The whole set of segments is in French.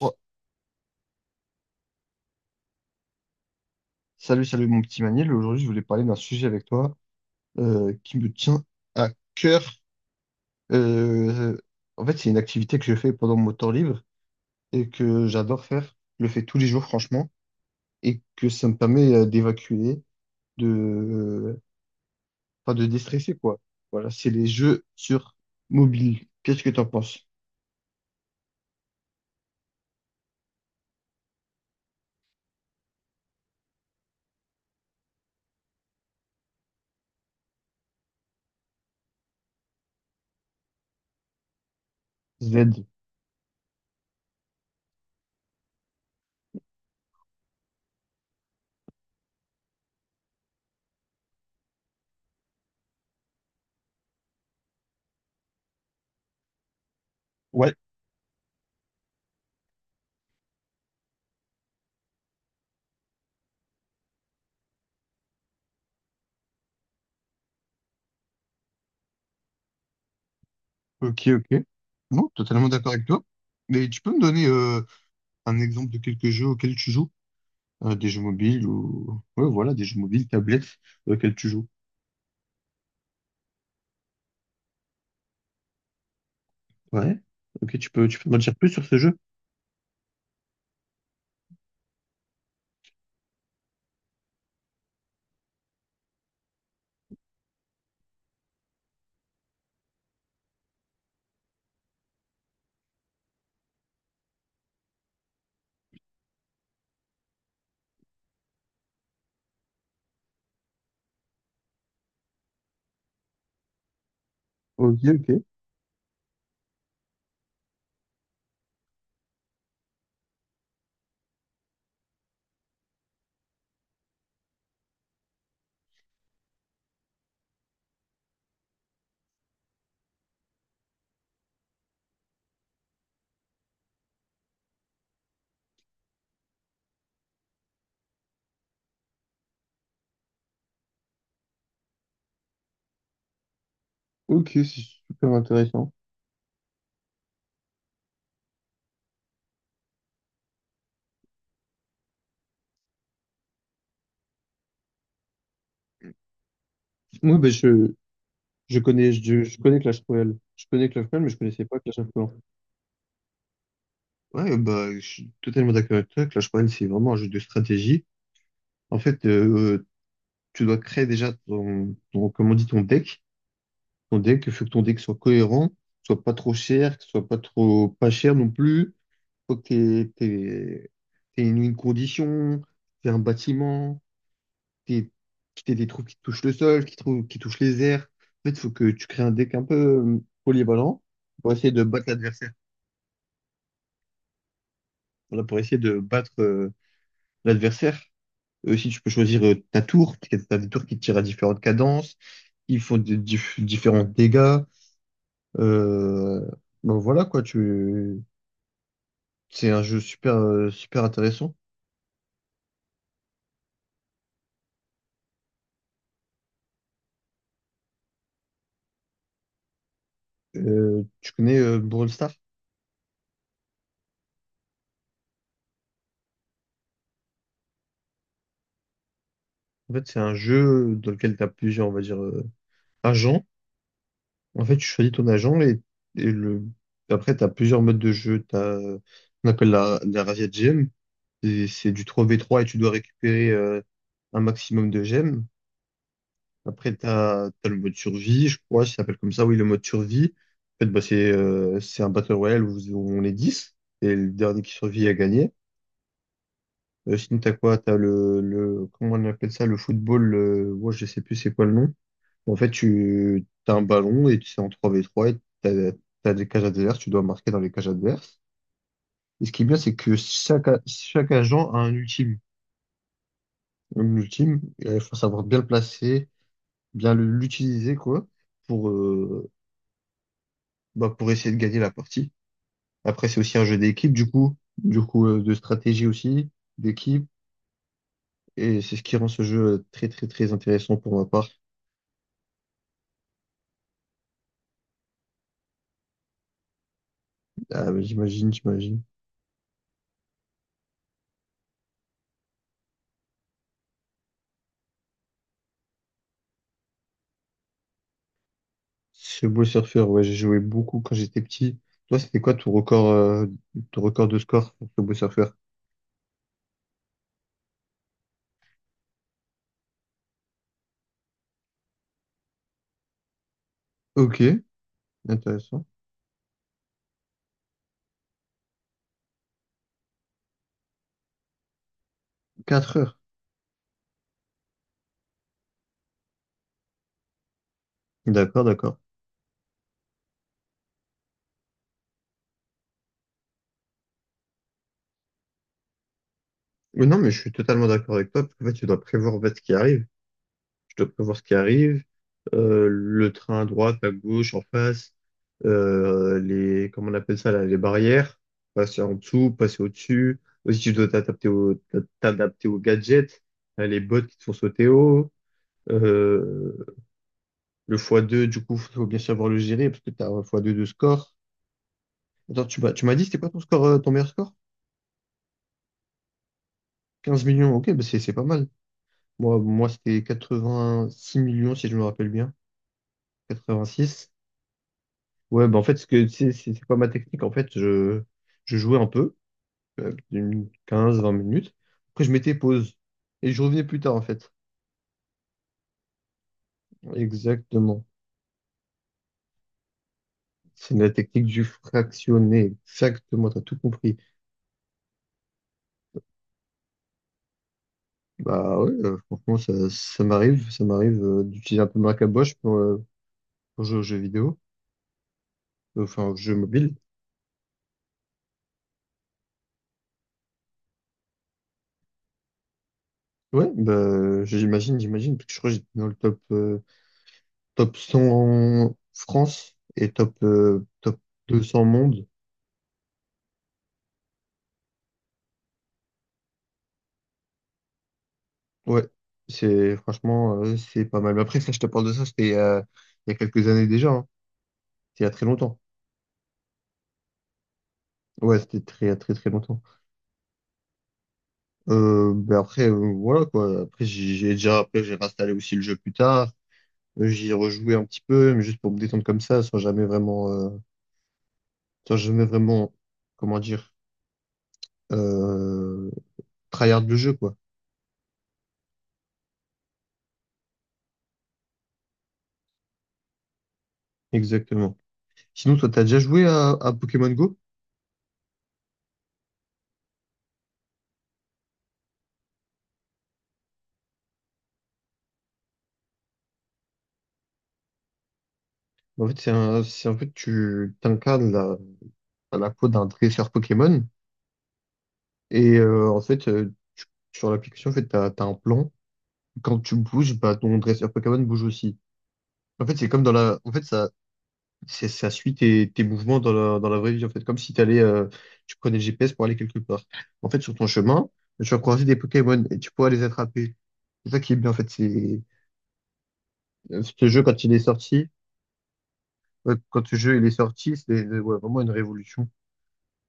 Ouais. Salut, salut mon petit Maniel. Aujourd'hui, je voulais parler d'un sujet avec toi qui me tient à cœur. Euh, en fait, c'est une activité que je fais pendant mon temps libre et que j'adore faire. Je le fais tous les jours, franchement, et que ça me permet d'évacuer, de, euh, enfin, de déstresser, quoi. Voilà, c'est les jeux sur mobile. Qu'est-ce que t'en penses? Z. Ouais, ok, ok. Non, totalement d'accord avec toi. Mais tu peux me donner un exemple de quelques jeux auxquels tu joues? Des jeux mobiles ou ouais, voilà, des jeux mobiles, tablettes auxquels tu joues. Ouais. Ok, tu peux m'en dire plus sur ce jeu? Ok, ok. Ok, c'est super intéressant. Moi, ben, je connais Clash Royale. Je connais Clash Royale, mais je connaissais pas Clash of Clans. Ouais, bah, je suis totalement d'accord avec toi. Clash Royale, c'est vraiment un jeu de stratégie. En fait, tu dois créer déjà ton, comment on dit, ton deck. Ton deck. Il faut que ton deck soit cohérent, soit pas trop cher, que soit pas trop pas cher non plus. Faut que t'aies une condition, t'aies un bâtiment, t'aies, t'aies des trous qui touchent le sol, qui touchent les airs. En fait, faut que tu crées un deck un peu polyvalent pour essayer de battre l'adversaire. Voilà, pour essayer de battre l'adversaire. Aussi, tu peux choisir ta tour, parce que t'as des tours qui tirent à différentes cadences. Ils font des différents dégâts. Euh, ben voilà quoi, tu c'est un jeu super, super intéressant. Tu connais Brawl Stars? En fait, c'est un jeu dans lequel tu as plusieurs, on va dire, agents. En fait, tu choisis ton agent et le... après, tu as plusieurs modes de jeu. Tu as qu'on appelle la Razzia Gem. Et c'est du trois v trois et tu dois récupérer un maximum de gemmes. Après, tu as, le mode survie, je crois, ça s'appelle comme ça. Oui, le mode survie. En fait, bah, c'est un Battle Royale où on est 10 et le dernier qui survit a gagné. Sinon, t'as quoi? T'as le, comment on appelle ça? Le football, le, ouais, je sais plus c'est quoi le nom. En fait, t'as un ballon et tu es en trois v trois et t'as des cages adverses, tu dois marquer dans les cages adverses. Et ce qui est bien, c'est que chaque agent a un ultime. Un ultime, il faut savoir bien le placer, bien l'utiliser, quoi, pour, euh, pour essayer de gagner la partie. Après, c'est aussi un jeu d'équipe, de stratégie aussi, d'équipe. Et c'est ce qui rend ce jeu très, très, très intéressant pour ma part. Ah, mais j'imagine, j'imagine. Beau surfeur, ouais, j'ai joué beaucoup quand j'étais petit. Toi, c'était quoi ton record de score sur beau surfeur. Ok, intéressant. 4 heures. D'accord, d'accord. Mais non, mais je suis totalement d'accord avec toi, parce qu'en fait, tu dois prévoir en fait, ce qui arrive. Tu dois prévoir ce qui arrive, le train à droite, à gauche, en face, les, comment on appelle ça, là, les barrières, passer en dessous, passer au-dessus. Aussi, tu dois t'adapter aux gadgets, les bottes qui te font sauter haut. Euh, le fois deux, du coup, faut bien savoir le gérer parce que tu as un x2 de score. Attends, tu m'as dit, c'était quoi ton score, ton meilleur score? 15 millions, ok, bah c'est pas mal. Moi, c'était 86 millions, si je me rappelle bien. 86. Ouais, bah en fait, ce que c'est pas ma technique. En fait, je jouais un peu, une 15, 20 minutes. Après, je mettais pause. Et je revenais plus tard, en fait. Exactement. C'est la technique du fractionné. Exactement, t'as tout compris. Bah ouais, franchement, ça m'arrive d'utiliser un peu ma caboche pour jouer aux jeux vidéo, enfin aux jeux mobiles. Ouais, bah j'imagine, j'imagine, parce que je crois que j'étais dans le top, top 100 en France et top 200 monde. Ouais, c'est franchement, c'est pas mal. Mais après, ça, je te parle de ça, c'était il y a quelques années déjà, hein. C'était il y a très longtemps. Ouais, c'était très, très, très longtemps. Bah après, voilà quoi. Après, j'ai déjà, après, j'ai installé aussi le jeu plus tard. J'y rejouais un petit peu, mais juste pour me détendre comme ça, sans jamais vraiment, comment dire, euh, tryhard le jeu, quoi. Exactement. Sinon, toi, t'as déjà joué à Pokémon Go? Bah, en fait, c'est en fait, tu t'incarnes la peau d'un dresseur Pokémon, en fait, sur l'application, en fait, t'as un plan. Quand tu bouges, bah, ton dresseur Pokémon bouge aussi. En fait, c'est comme dans la, en fait, ça suit tes mouvements dans la vraie vie, en fait, comme si tu prenais le GPS pour aller quelque part. En fait, sur ton chemin, tu vas croiser des Pokémon et tu pourras les attraper. C'est ça qui est bien, en fait. Ce jeu, quand il est sorti, quand ce jeu il est sorti, c'est ouais, vraiment une révolution.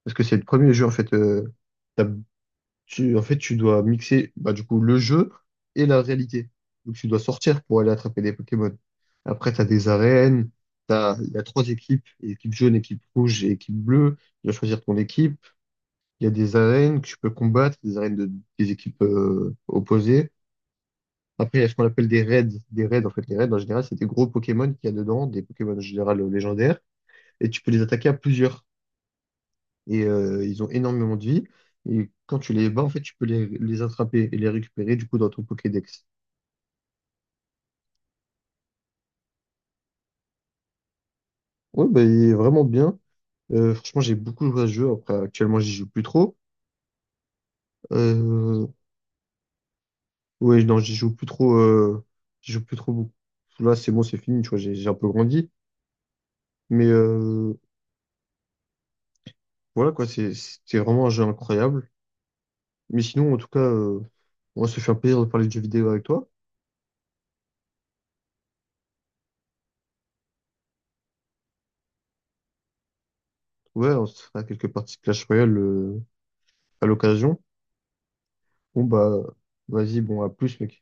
Parce que c'est le premier jeu, en fait, en fait, tu dois mixer bah, du coup le jeu et la réalité. Donc tu dois sortir pour aller attraper des Pokémon. Après, tu as des arènes, il y a trois équipes, équipe jaune, équipe rouge et équipe bleue. Tu dois choisir ton équipe. Il y a des arènes que tu peux combattre, des arènes de, des équipes opposées. Après, il y a ce qu'on appelle des raids. Des raids, en fait, les raids, en général, c'est des gros Pokémon qu'il y a dedans, des Pokémon en général légendaires. Et tu peux les attaquer à plusieurs et ils ont énormément de vie. Et quand tu les bats, en fait, tu peux les attraper et les récupérer du coup dans ton Pokédex. Ouais, bah, il est vraiment bien. Franchement, j'ai beaucoup joué à ce jeu. Après, actuellement, j'y joue plus trop. Euh, ouais, non, j'y joue plus trop. J'y joue plus trop beaucoup. Là, c'est bon, c'est fini. Tu vois, j'ai un peu grandi. Mais voilà, quoi, c'est vraiment un jeu incroyable. Mais sinon, en tout cas, on se fait un plaisir de parler de jeux vidéo avec toi. Ouais, on se fera quelques parties de Clash Royale à l'occasion. Bon, bah, vas-y, bon, à plus, mec.